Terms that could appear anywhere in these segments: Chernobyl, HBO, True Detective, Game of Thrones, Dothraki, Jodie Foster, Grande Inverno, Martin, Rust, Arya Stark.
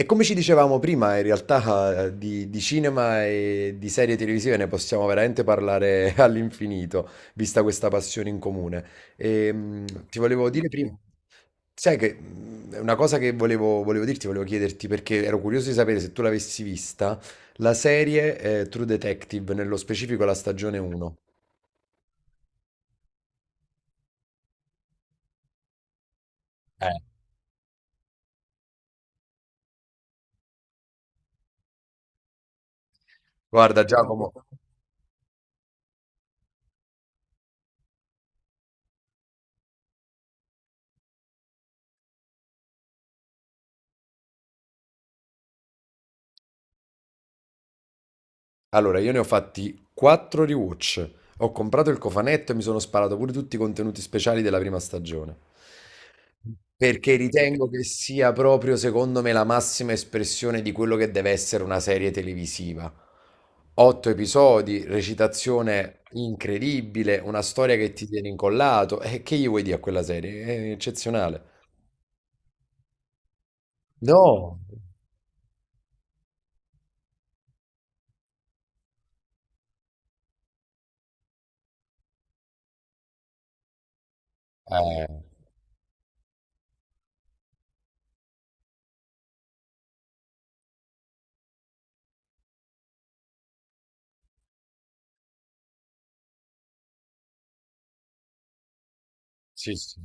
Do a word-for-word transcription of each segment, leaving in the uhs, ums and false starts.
E come ci dicevamo prima, in realtà eh, di, di cinema e di serie televisive ne possiamo veramente parlare all'infinito, vista questa passione in comune. E, mm, ti volevo dire prima, sai che mm, è una cosa che volevo, volevo dirti, volevo chiederti perché ero curioso di sapere se tu l'avessi vista, la serie eh, True Detective, nello specifico la stagione uno. Eh, Guarda Giacomo, allora, io ne ho fatti quattro rewatch. Ho comprato il cofanetto e mi sono sparato pure tutti i contenuti speciali della prima stagione. Perché ritengo che sia proprio, secondo me, la massima espressione di quello che deve essere una serie televisiva. Otto episodi, recitazione incredibile, una storia che ti tiene incollato. E che gli vuoi dire a quella serie? È eccezionale. No. Eh, sì, sì.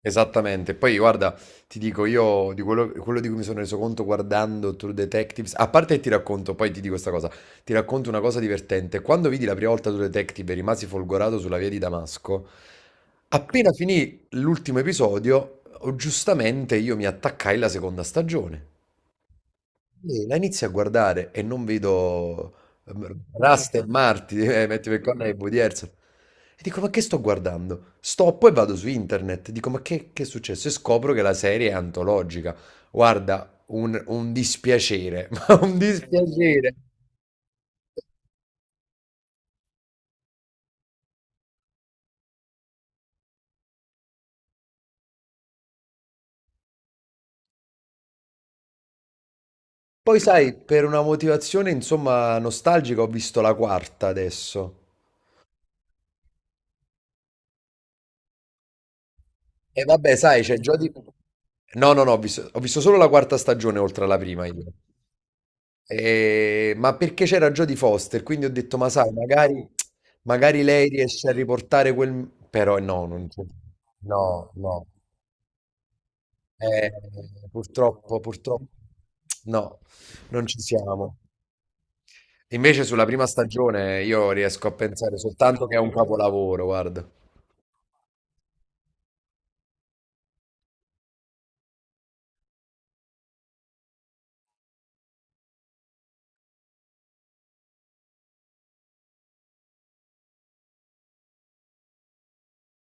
Esattamente. Poi guarda, ti dico io di quello, quello di cui mi sono reso conto guardando True Detectives, a parte che ti racconto, poi ti dico questa cosa, ti racconto una cosa divertente. Quando vidi la prima volta True Detective e rimasi folgorato sulla via di Damasco, appena finì l'ultimo episodio, oh, giustamente io mi attaccai alla seconda stagione. Sì, la inizi a guardare e non vedo ehm, Rust e ecco, Marti, eh, metti per corna e Woody Harrelson. E dico, ma che sto guardando? Stoppo e vado su internet. Dico, ma che, che è successo? E scopro che la serie è antologica. Guarda, un, un dispiacere, ma un dispiacere. Poi sai, per una motivazione, insomma, nostalgica, ho visto la quarta adesso. E vabbè, sai, c'è Jodie. No, no, no, ho visto, ho visto solo la quarta stagione oltre alla prima io. Ehm, ma perché c'era Jodie Foster, quindi ho detto: "Ma sai, magari magari lei riesce a riportare quel", però no, non c'è, no, no. Eh, purtroppo purtroppo no, non ci siamo. Invece sulla prima stagione io riesco a pensare soltanto che è un capolavoro, guarda.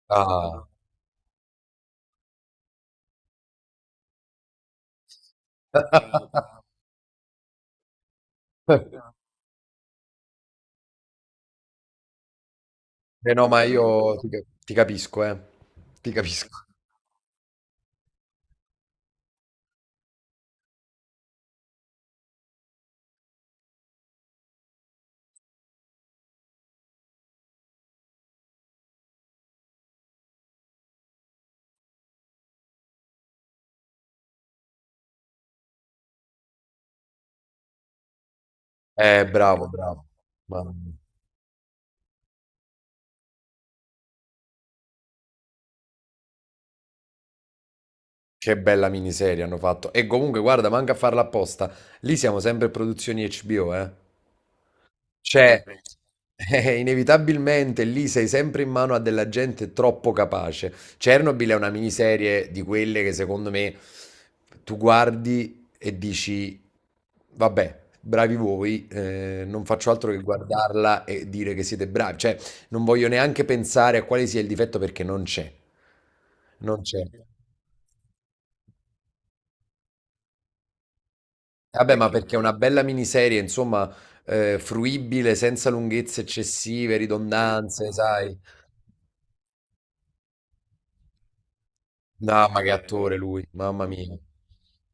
Ah. Eh no, ma io ti ca ti capisco, eh. Ti capisco. Eh, bravo, bravo. Mamma mia. Che bella miniserie hanno fatto. E comunque, guarda, manca a farla apposta. Lì siamo sempre produzioni H B O, eh. Cioè, eh, inevitabilmente lì sei sempre in mano a della gente troppo capace. Chernobyl è una miniserie di quelle che secondo me tu guardi e dici, vabbè, bravi voi, eh, non faccio altro che guardarla e dire che siete bravi. Cioè, non voglio neanche pensare a quale sia il difetto perché non c'è. Non c'è. Vabbè, ma ecco, perché è una bella miniserie, insomma, eh, fruibile, senza lunghezze eccessive, ridondanze, sai? No, ma che attore lui, mamma mia.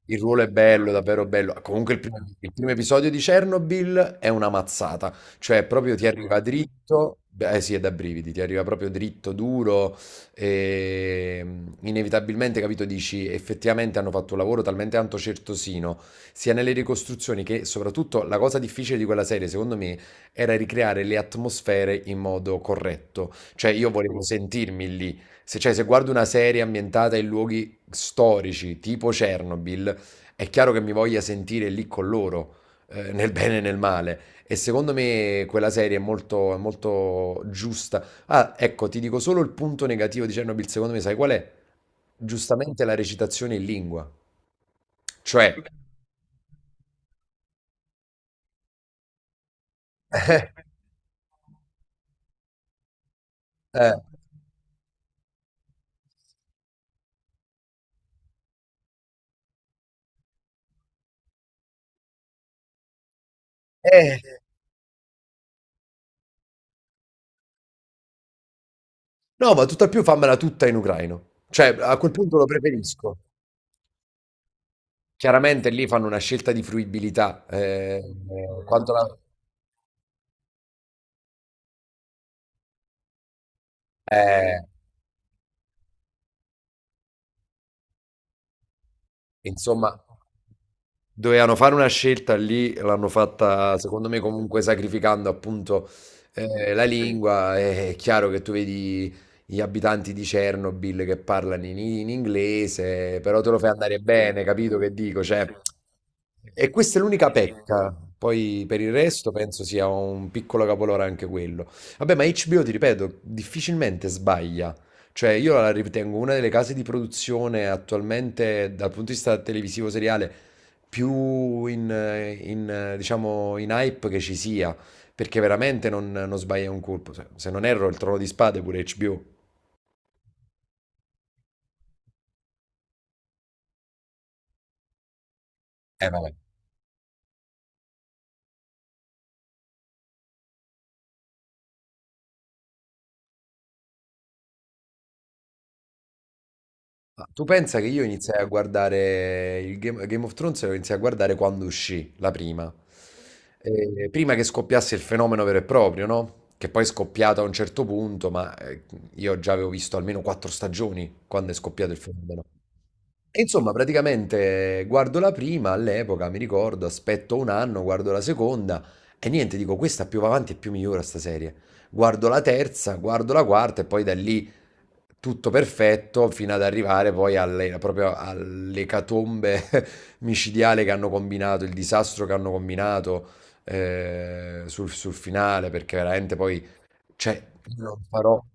Il ruolo è bello, davvero bello. Comunque il primo, il primo episodio di Chernobyl è una mazzata, cioè proprio ti arriva dritto, dritto, beh, eh sì, è da brividi, ti arriva proprio dritto, duro, e mm, inevitabilmente, capito, dici, effettivamente hanno fatto un lavoro talmente tanto certosino, sia nelle ricostruzioni che soprattutto la cosa difficile di quella serie, secondo me, era ricreare le atmosfere in modo corretto. Cioè, io volevo, sì, sentirmi lì. Se, cioè, se guardo una serie ambientata in luoghi storici, tipo Chernobyl, è chiaro che mi voglia sentire lì con loro, eh, nel bene e nel male. E secondo me quella serie è molto, è molto giusta. Ah, ecco, ti dico solo il punto negativo di Chernobyl, secondo me, sai qual è? Giustamente la recitazione in lingua. Cioè, eh, eh, eh, no, ma tutt'al più fammela tutta in ucraino. Cioè, a quel punto lo preferisco. Chiaramente lì fanno una scelta di fruibilità. Eh, eh, quanto la. eh, insomma. Dovevano fare una scelta lì, l'hanno fatta secondo me comunque sacrificando appunto eh, la lingua. Eh, È chiaro che tu vedi gli abitanti di Chernobyl che parlano in, in inglese, però te lo fai andare bene, capito che dico? Cioè, e questa è l'unica pecca. Poi per il resto penso sia un piccolo capolore anche quello. Vabbè, ma H B O, ti ripeto, difficilmente sbaglia. Cioè, io la ritengo una delle case di produzione attualmente, dal punto di vista televisivo seriale, più in, eh, in, eh, diciamo, in hype che ci sia. Perché veramente non, non sbaglia un colpo. Se se non erro, il Trono di Spade è pure H B O. Eh, vabbè. Ah, tu pensa che io iniziai a guardare il Game, Game of Thrones, lo iniziai a guardare quando uscì la prima. Eh, prima che scoppiasse il fenomeno vero e proprio, no? Che poi è scoppiato a un certo punto, ma eh, io già avevo visto almeno quattro stagioni quando è scoppiato il fenomeno. E insomma, praticamente guardo la prima all'epoca, mi ricordo, aspetto un anno, guardo la seconda e niente, dico questa più va avanti e più migliora sta serie. Guardo la terza, guardo la quarta e poi da lì tutto perfetto fino ad arrivare poi alle, proprio all'ecatombe micidiale che hanno combinato, il disastro che hanno combinato eh, sul, sul finale, perché veramente poi. Cioè, no.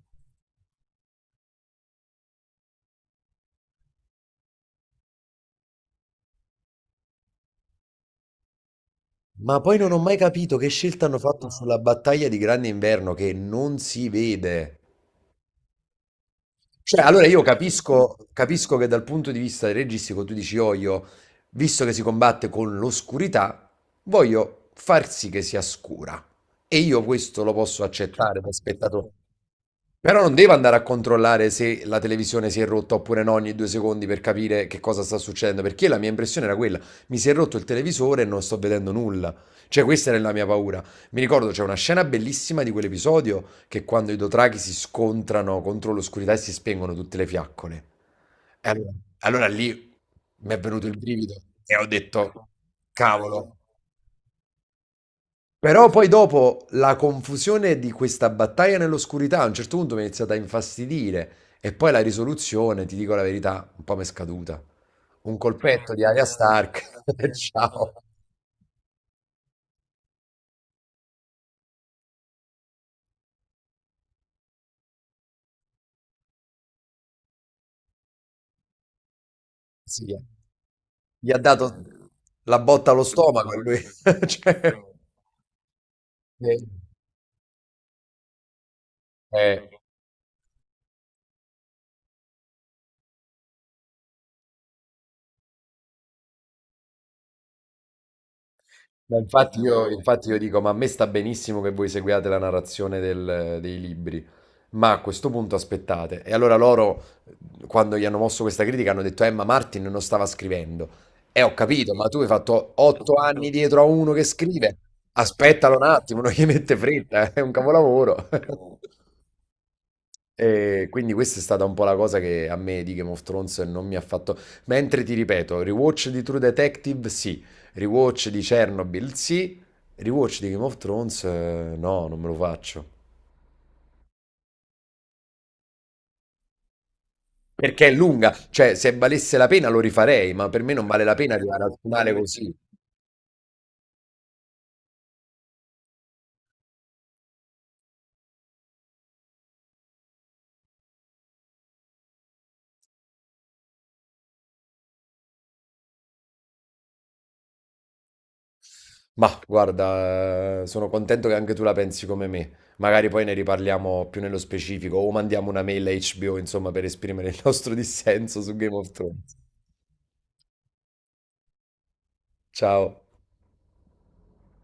Ma poi non ho mai capito che scelta hanno fatto sulla battaglia di Grande Inverno che non si vede. Cioè, allora io capisco, capisco che dal punto di vista registico tu dici, oh, io, visto che si combatte con l'oscurità, voglio far sì che sia scura. E io questo lo posso accettare da spettatore. Però non devo andare a controllare se la televisione si è rotta oppure no ogni due secondi per capire che cosa sta succedendo, perché la mia impressione era quella, mi si è rotto il televisore e non sto vedendo nulla. Cioè questa era la mia paura. Mi ricordo c'è una scena bellissima di quell'episodio che quando i Dothraki si scontrano contro l'oscurità e si spengono tutte le fiaccole. E allora, allora lì mi è venuto il brivido e ho detto, cavolo. Però poi dopo la confusione di questa battaglia nell'oscurità a un certo punto mi è iniziata a infastidire e poi la risoluzione, ti dico la verità, un po' mi è scaduta. Un colpetto di Arya Stark, ciao, gli ha dato la botta allo stomaco e lui, cioè. Ma infatti io, infatti io dico, ma a me sta benissimo che voi seguiate la narrazione del- dei libri, ma a questo punto aspettate. E allora loro, quando gli hanno mosso questa critica, hanno detto, eh, ma Martin non stava scrivendo. E ho capito, ma tu hai fatto otto anni dietro a uno che scrive. Aspettalo un attimo, non gli mette fretta, è un capolavoro. E quindi questa è stata un po' la cosa che a me di Game of Thrones non mi ha fatto. Mentre ti ripeto, rewatch di True Detective sì, rewatch di Chernobyl sì, rewatch di Game of Thrones eh, no, non me lo faccio. Perché è lunga, cioè se valesse la pena lo rifarei, ma per me non vale la pena arrivare al finale così. Ma guarda, eh, sono contento che anche tu la pensi come me. Magari poi ne riparliamo più nello specifico o mandiamo una mail a H B O, insomma, per esprimere il nostro dissenso su Game of Thrones. Ciao.